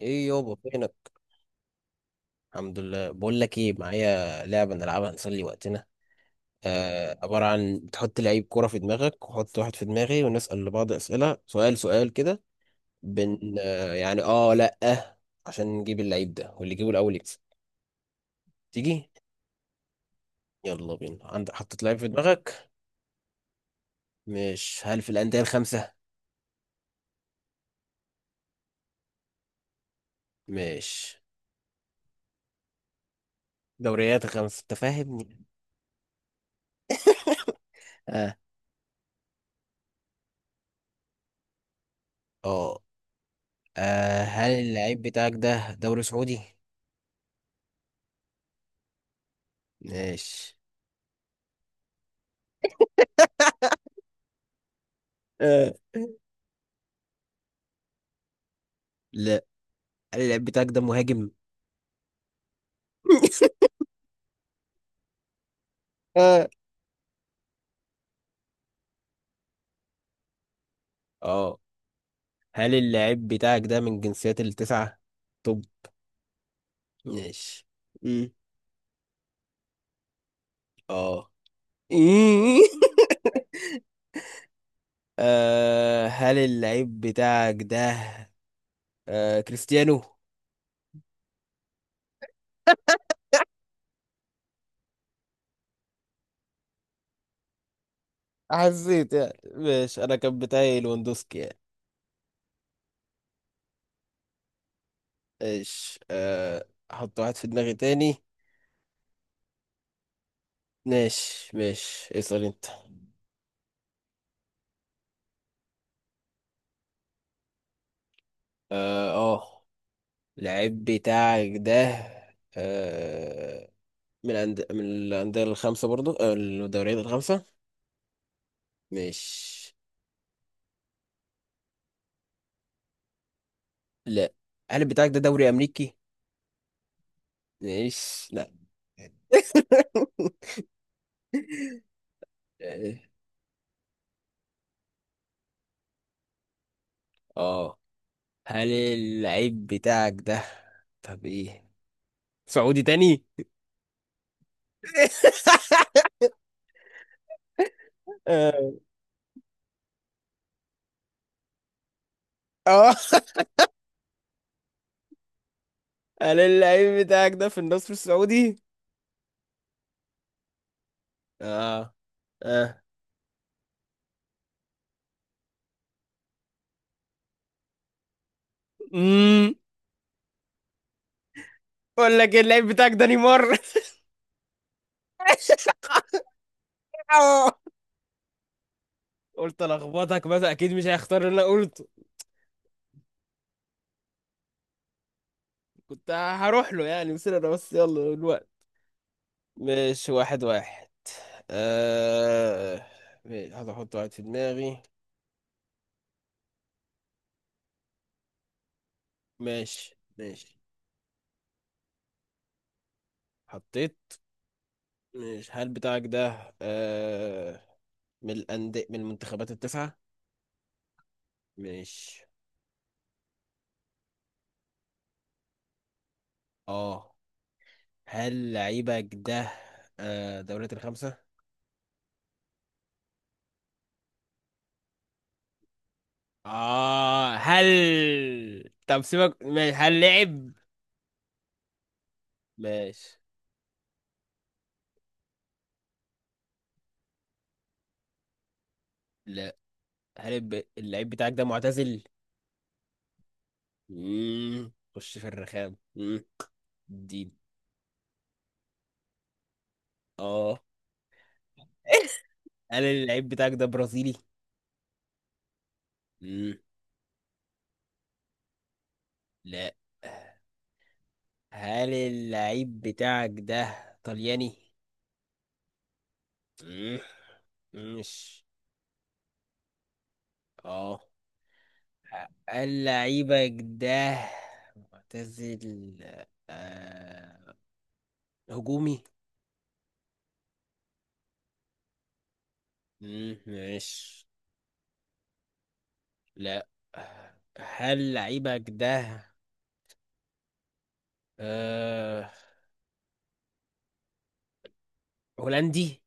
ايه يابا فينك؟ الحمد لله، بقول لك ايه، معايا لعبه نلعبها نسلي وقتنا. آه، عباره عن بتحط لعيب كوره في دماغك وحط واحد في دماغي ونسال لبعض اسئله، سؤال سؤال كده. بن آه يعني، اه، لا، آه. عشان نجيب اللعيب ده، واللي يجيبه الاول يكسب. تيجي؟ يلا بينا، عندك؟ حطيت لعيب في دماغك؟ مش هل في الانديه الخمسه؟ مش، دوريات الخمسه، انت فاهمني. اه. اه. آه، هل اللعيب بتاعك ده دوري سعودي؟ ماشي. آه. لا. هل اللاعب بتاعك ده مهاجم؟ آه. اه. هل اللاعب بتاعك ده من جنسيات التسعة؟ طب، ماشي. مم. اه. إيه؟ آه، هل اللعيب بتاعك ده كريستيانو؟ حسيت يعني، ماشي، انا كان بتاعي لواندوسكي يعني. ماشي، احط واحد في دماغي تاني. ماشي ماشي، اسأل انت. اه. اللعيب بتاعك ده، آه من الأندية الخمسة برضو، الدوريات الخمسة. مش، لا. هل بتاعك ده دوري أمريكي؟ مش، لا. اه. هل اللعيب بتاعك ده، طب ايه، سعودي تاني؟ اه. آه. هل اللعيب بتاعك ده في النصر السعودي؟ اه. اه. امم. اقول لك إيه، اللعيب بتاعك ده نيمار؟ قلت الخبطك، بس اكيد مش هيختار اللي انا. كنت هروح له يعني، بس انا بس، يلا الوقت. ماشي واحد واحد. آه... ماشي، هذا احط واحد في دماغي. ماشي ماشي. حطيت. ماشي، هل بتاعك ده من المنتخبات التسعة. ماشي. اه. هل لعيبك ده دوريات الخمسة؟ اه. هل، طب سيبك، ماشي، هل لعب؟ ماشي. لا. هل اللعيب بتاعك ده معتزل؟ مم. خش في الرخام. مم. الدين. اه. هل اللعيب بتاعك ده برازيلي؟ مم. لا. هل اللعيب بتاعك ده طلياني؟ مم. مش. اه. هل لعيبك ده معتزل، آه... هجومي؟ مم. مش. لا. هل لعيبك ده آه... هولندي؟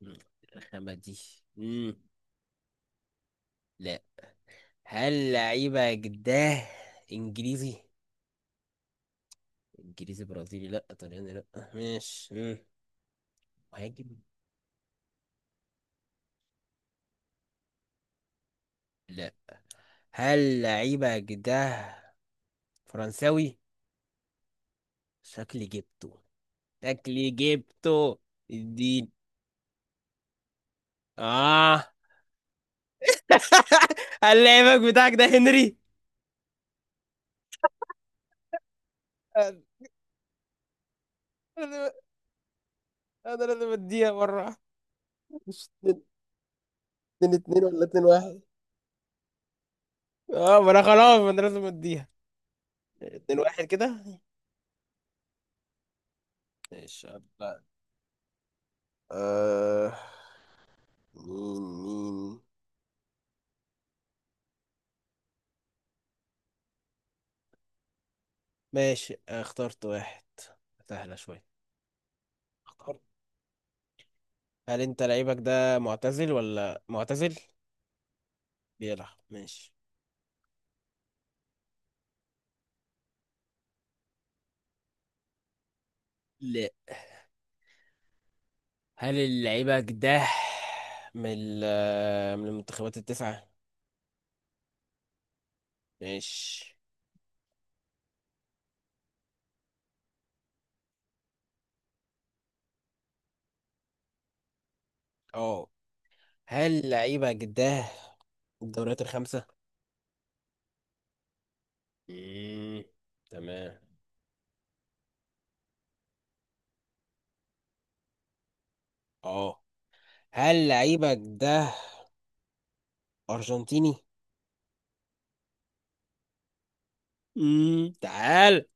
مم. الرخامة دي. مم. لا. هل لعيبة جداه انجليزي؟ انجليزي، برازيلي، لا، طلياني، لا. ماشي. مم. مهاجم. لا. هل لعيبة جداه فرنساوي؟ شكلي جبته. شكلي جبته. الدين. اه. هل لعيبك بتاعك ده هنري؟ انا أنا لازم اديها مرة، مش اتنين. اتنين اتنين، ولا اتنين واحد؟ اه، ما انا خلاص، ما انا لازم اديها اتنين واحد كده. ماشي. آه. مين مين. ماشي، اخترت واحد. سهلة شوية. اختار. هل انت لعيبك ده معتزل ولا معتزل؟ بيلعب، ماشي. لا. هل لعيبك ده من ال- آه، من المنتخبات التسعة. ماشي. اه. هل لعيبك ده الدوريات الخمسة؟ مم. تمام. اه. هل لعيبك ده أرجنتيني؟ مم. تعال.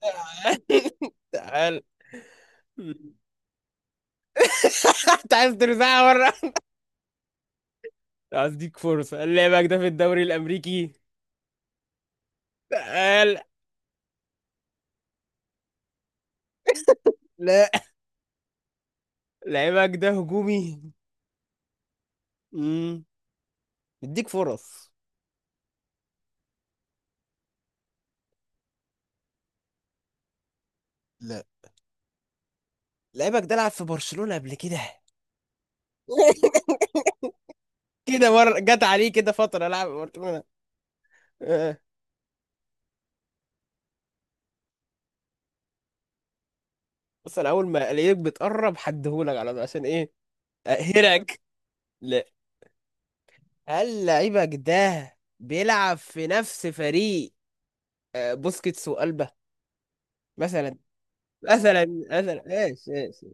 تعال. تعال. انت عايز ترزعها بره؟ اديك فرصة، لعبك ده في الدوري الامريكي؟ تعال. لا. لعبك ده هجومي؟ امم اديك فرص. لا. لعبك ده لعب في برشلونة قبل كده؟ كده مرة جت عليه كده فترة لعب في برشلونة. آه. بس انا اول ما الاقيك بتقرب حدهولك على طول، عشان ايه؟ اقهرك. لا. هل لعيبك ده بيلعب في نفس فريق بوسكيتس وقلبه، مثلا؟ مثلا. مثلا ايش ايش.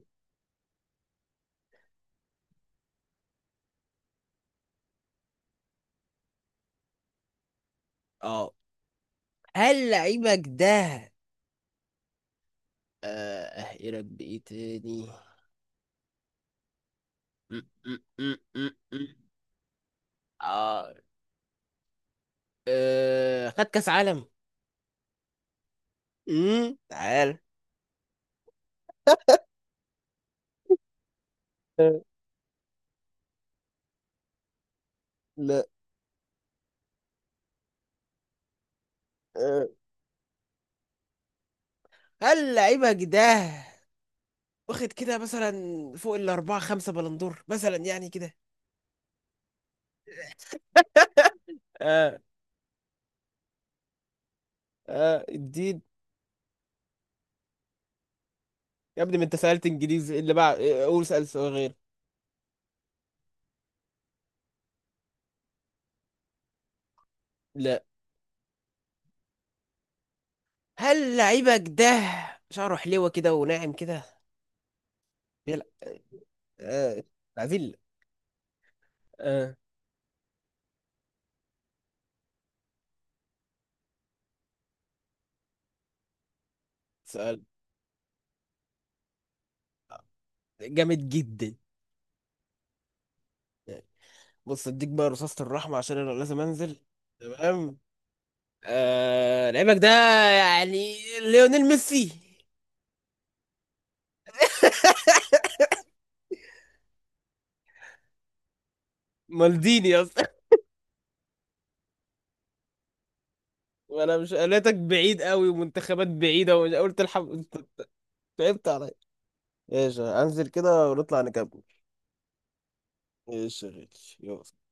اه. هل لعيبك ده يا رب، ايه تاني؟ م- م- م- م- م. اه. آه، خد كاس عالم. تعال. آه، لا. آه. هل لعيبك ده واخد كده مثلا فوق الأربعة خمسة بلندور، مثلا يعني كده؟ اه. اه. الدين. يا ابني، ما انت سألت انجليزي اللي بعد، قول سأل سؤال غير. لا. هل لعيبك ده شعره حلوة كده وناعم كده، بيلعب؟ آه. العفيل. آه. سؤال. جامد جدا، يعني. بص، اديك بقى رصاصة الرحمة عشان انا لازم انزل. تمام. لعيبك ده يعني ليونيل ميسي؟ مالديني يا اسطى. وانا مش قالتك بعيد قوي ومنتخبات بعيدة ومش قلت الحب انت؟ تعبت عليا. ايش، انزل كده ونطلع نكمل. ايش يا غالي. يلا.